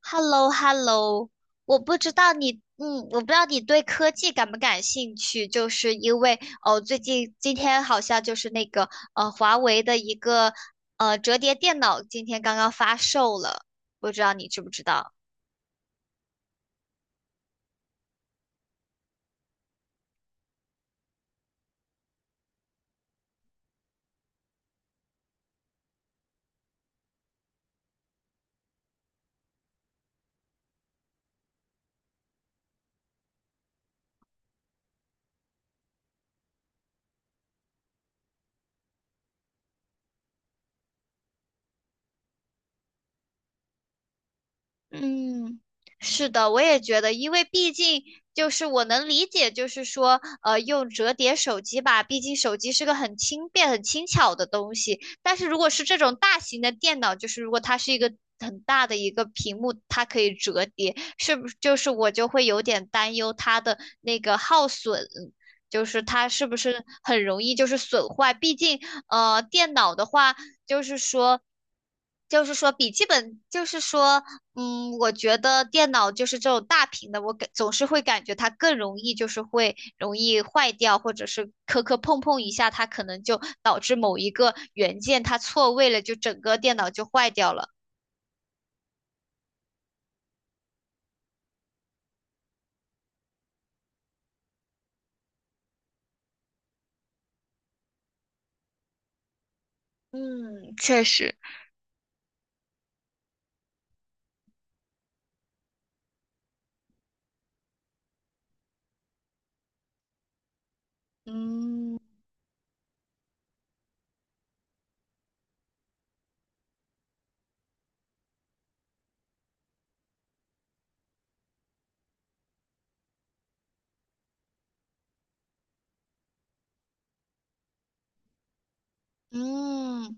h e l l o h e l l o 我不知道你，我不知道你对科技感不感兴趣，就是因为哦，最近今天好像就是那个华为的一个折叠电脑今天刚刚发售了，不知道你知不知道？嗯，是的，我也觉得，因为毕竟就是我能理解，就是说，用折叠手机吧，毕竟手机是个很轻便、很轻巧的东西。但是如果是这种大型的电脑，就是如果它是一个很大的一个屏幕，它可以折叠，是不是？就是我就会有点担忧它的那个耗损，就是它是不是很容易就是损坏？毕竟，电脑的话。就是说，就是说笔记本，就是说，嗯，我觉得电脑就是这种大屏的，我感总是会感觉它更容易，就是会容易坏掉，或者是磕磕碰碰一下，它可能就导致某一个元件它错位了，就整个电脑就坏掉了。嗯，确实。嗯嗯。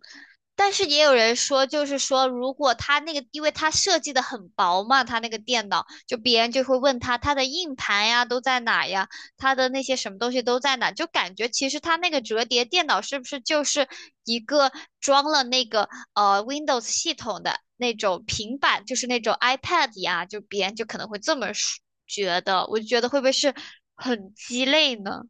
但是也有人说，就是说，如果他那个，因为他设计的很薄嘛，他那个电脑，就别人就会问他他的硬盘呀都在哪呀，他的那些什么东西都在哪，就感觉其实他那个折叠电脑是不是就是一个装了那个Windows 系统的那种平板，就是那种 iPad 呀，就别人就可能会这么说觉得，我就觉得会不会是很鸡肋呢？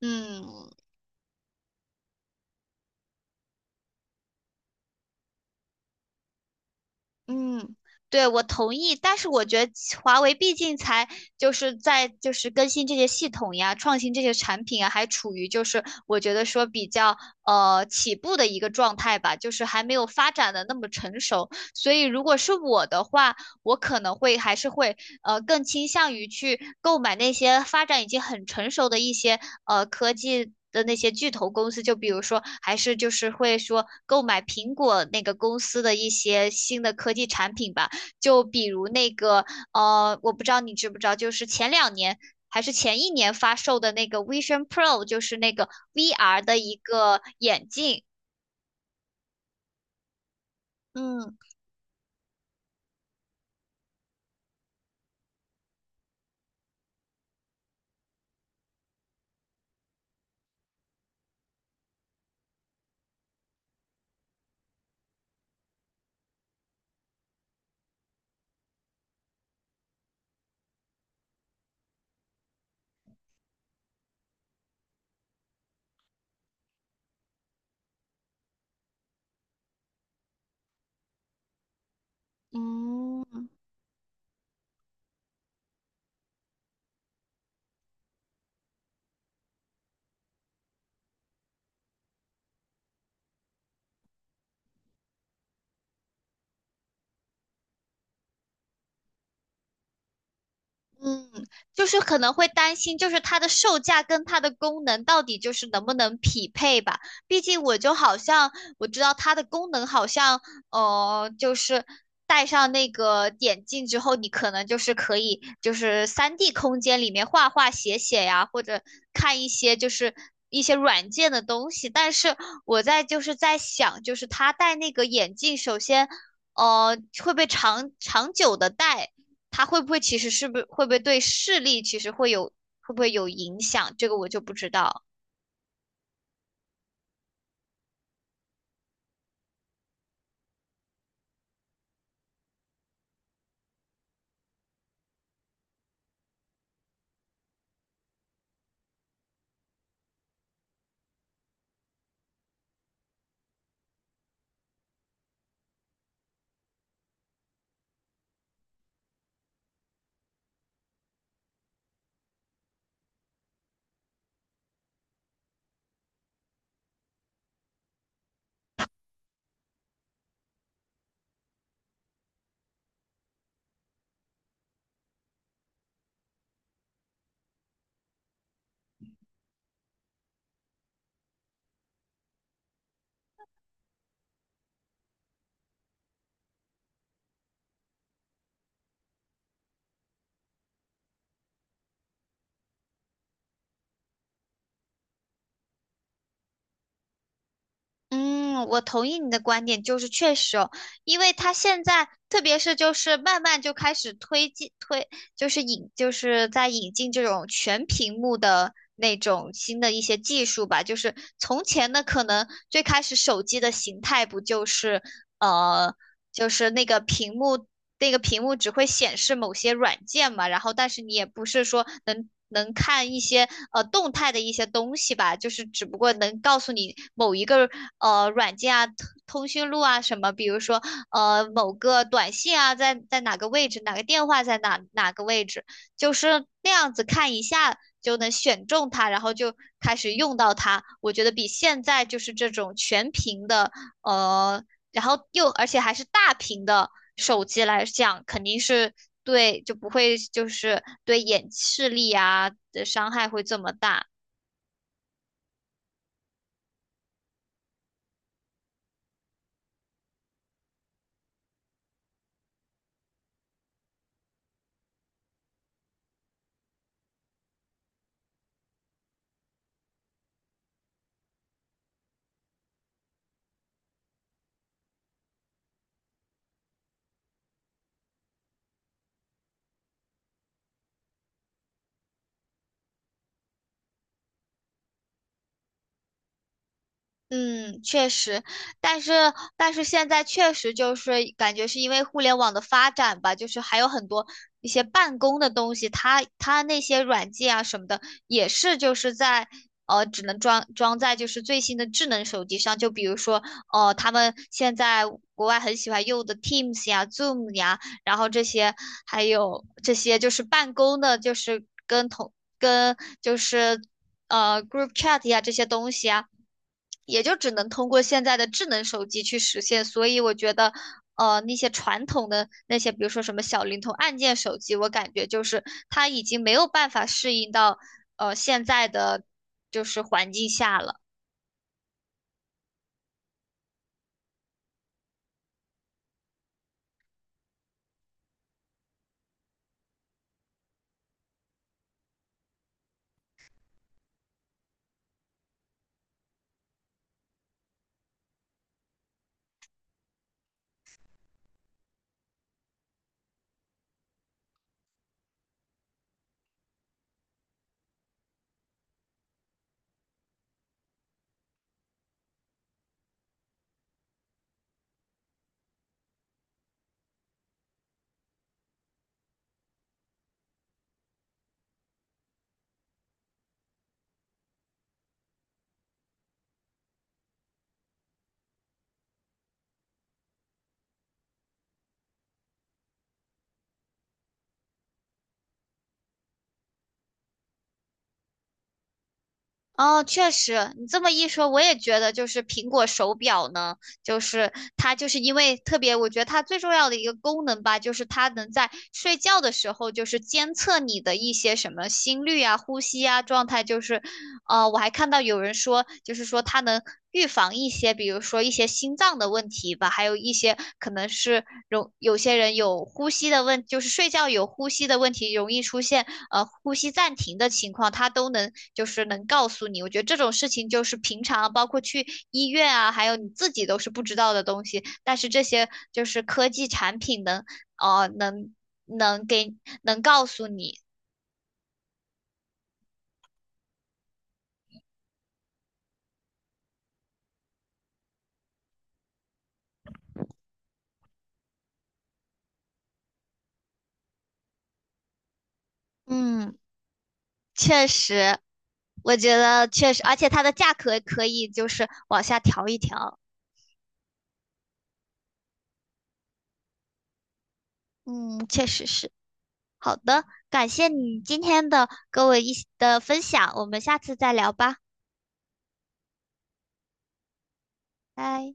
嗯嗯，对，我同意，但是我觉得华为毕竟才就是在就是更新这些系统呀，创新这些产品啊，还处于就是我觉得说比较起步的一个状态吧，就是还没有发展的那么成熟。所以如果是我的话，我可能会还是会更倾向于去购买那些发展已经很成熟的一些科技。的那些巨头公司，就比如说，还是就是会说购买苹果那个公司的一些新的科技产品吧，就比如那个我不知道你知不知道，就是前两年还是前一年发售的那个 Vision Pro,就是那个 VR 的一个眼镜，嗯。嗯，嗯，就是可能会担心，就是它的售价跟它的功能到底就是能不能匹配吧？毕竟我就好像我知道它的功能好像，就是戴上那个眼镜之后，你可能就是可以就是三 d 空间里面画画写写呀，或者看一些就是一些软件的东西。但是我在就是在想，就是他戴那个眼镜，首先，会不会长长久的戴？它会不会其实是不是会不会对视力其实会有会不会有影响？这个我就不知道。嗯，我同意你的观点，就是确实哦，因为它现在特别是就是慢慢就开始推进推，就是引就是在引进这种全屏幕的那种新的一些技术吧。就是从前呢，可能最开始手机的形态不就是呃就是那个屏幕，那个屏幕只会显示某些软件嘛，然后但是你也不是说能能看一些动态的一些东西吧，就是只不过能告诉你某一个软件啊、通通讯录啊什么，比如说某个短信啊在在哪个位置，哪个电话在哪哪个位置，就是那样子看一下。就能选中它，然后就开始用到它。我觉得比现在就是这种全屏的，呃，然后又而且还是大屏的手机来讲，肯定是对就不会就是对眼视力啊的伤害会这么大。嗯，确实，但是但是现在确实就是感觉是因为互联网的发展吧，就是还有很多一些办公的东西，它它那些软件啊什么的，也是就是在只能装装在就是最新的智能手机上，就比如说他们现在国外很喜欢用的 Teams 呀、Zoom 呀，然后这些还有这些就是办公的，就是跟同跟就是group chat 呀这些东西啊。也就只能通过现在的智能手机去实现。所以我觉得，那些传统的那些，比如说什么小灵通、按键手机，我感觉就是它已经没有办法适应到现在的就是环境下了。哦，确实，你这么一说，我也觉得就是苹果手表呢，就是它就是因为特别，我觉得它最重要的一个功能吧，就是它能在睡觉的时候就是监测你的一些什么心率啊、呼吸啊状态，就是，我还看到有人说，就是说它能预防一些，比如说一些心脏的问题吧，还有一些可能是容有些人有呼吸的问，就是睡觉有呼吸的问题，容易出现呼吸暂停的情况，他都能就是能告诉你。我觉得这种事情就是平常包括去医院啊，还有你自己都是不知道的东西，但是这些就是科技产品能哦能能给能告诉你。嗯，确实，我觉得确实，而且它的价格可以就是往下调一调。嗯，确实是。好的，感谢你今天的跟我一起的分享，我们下次再聊吧，拜。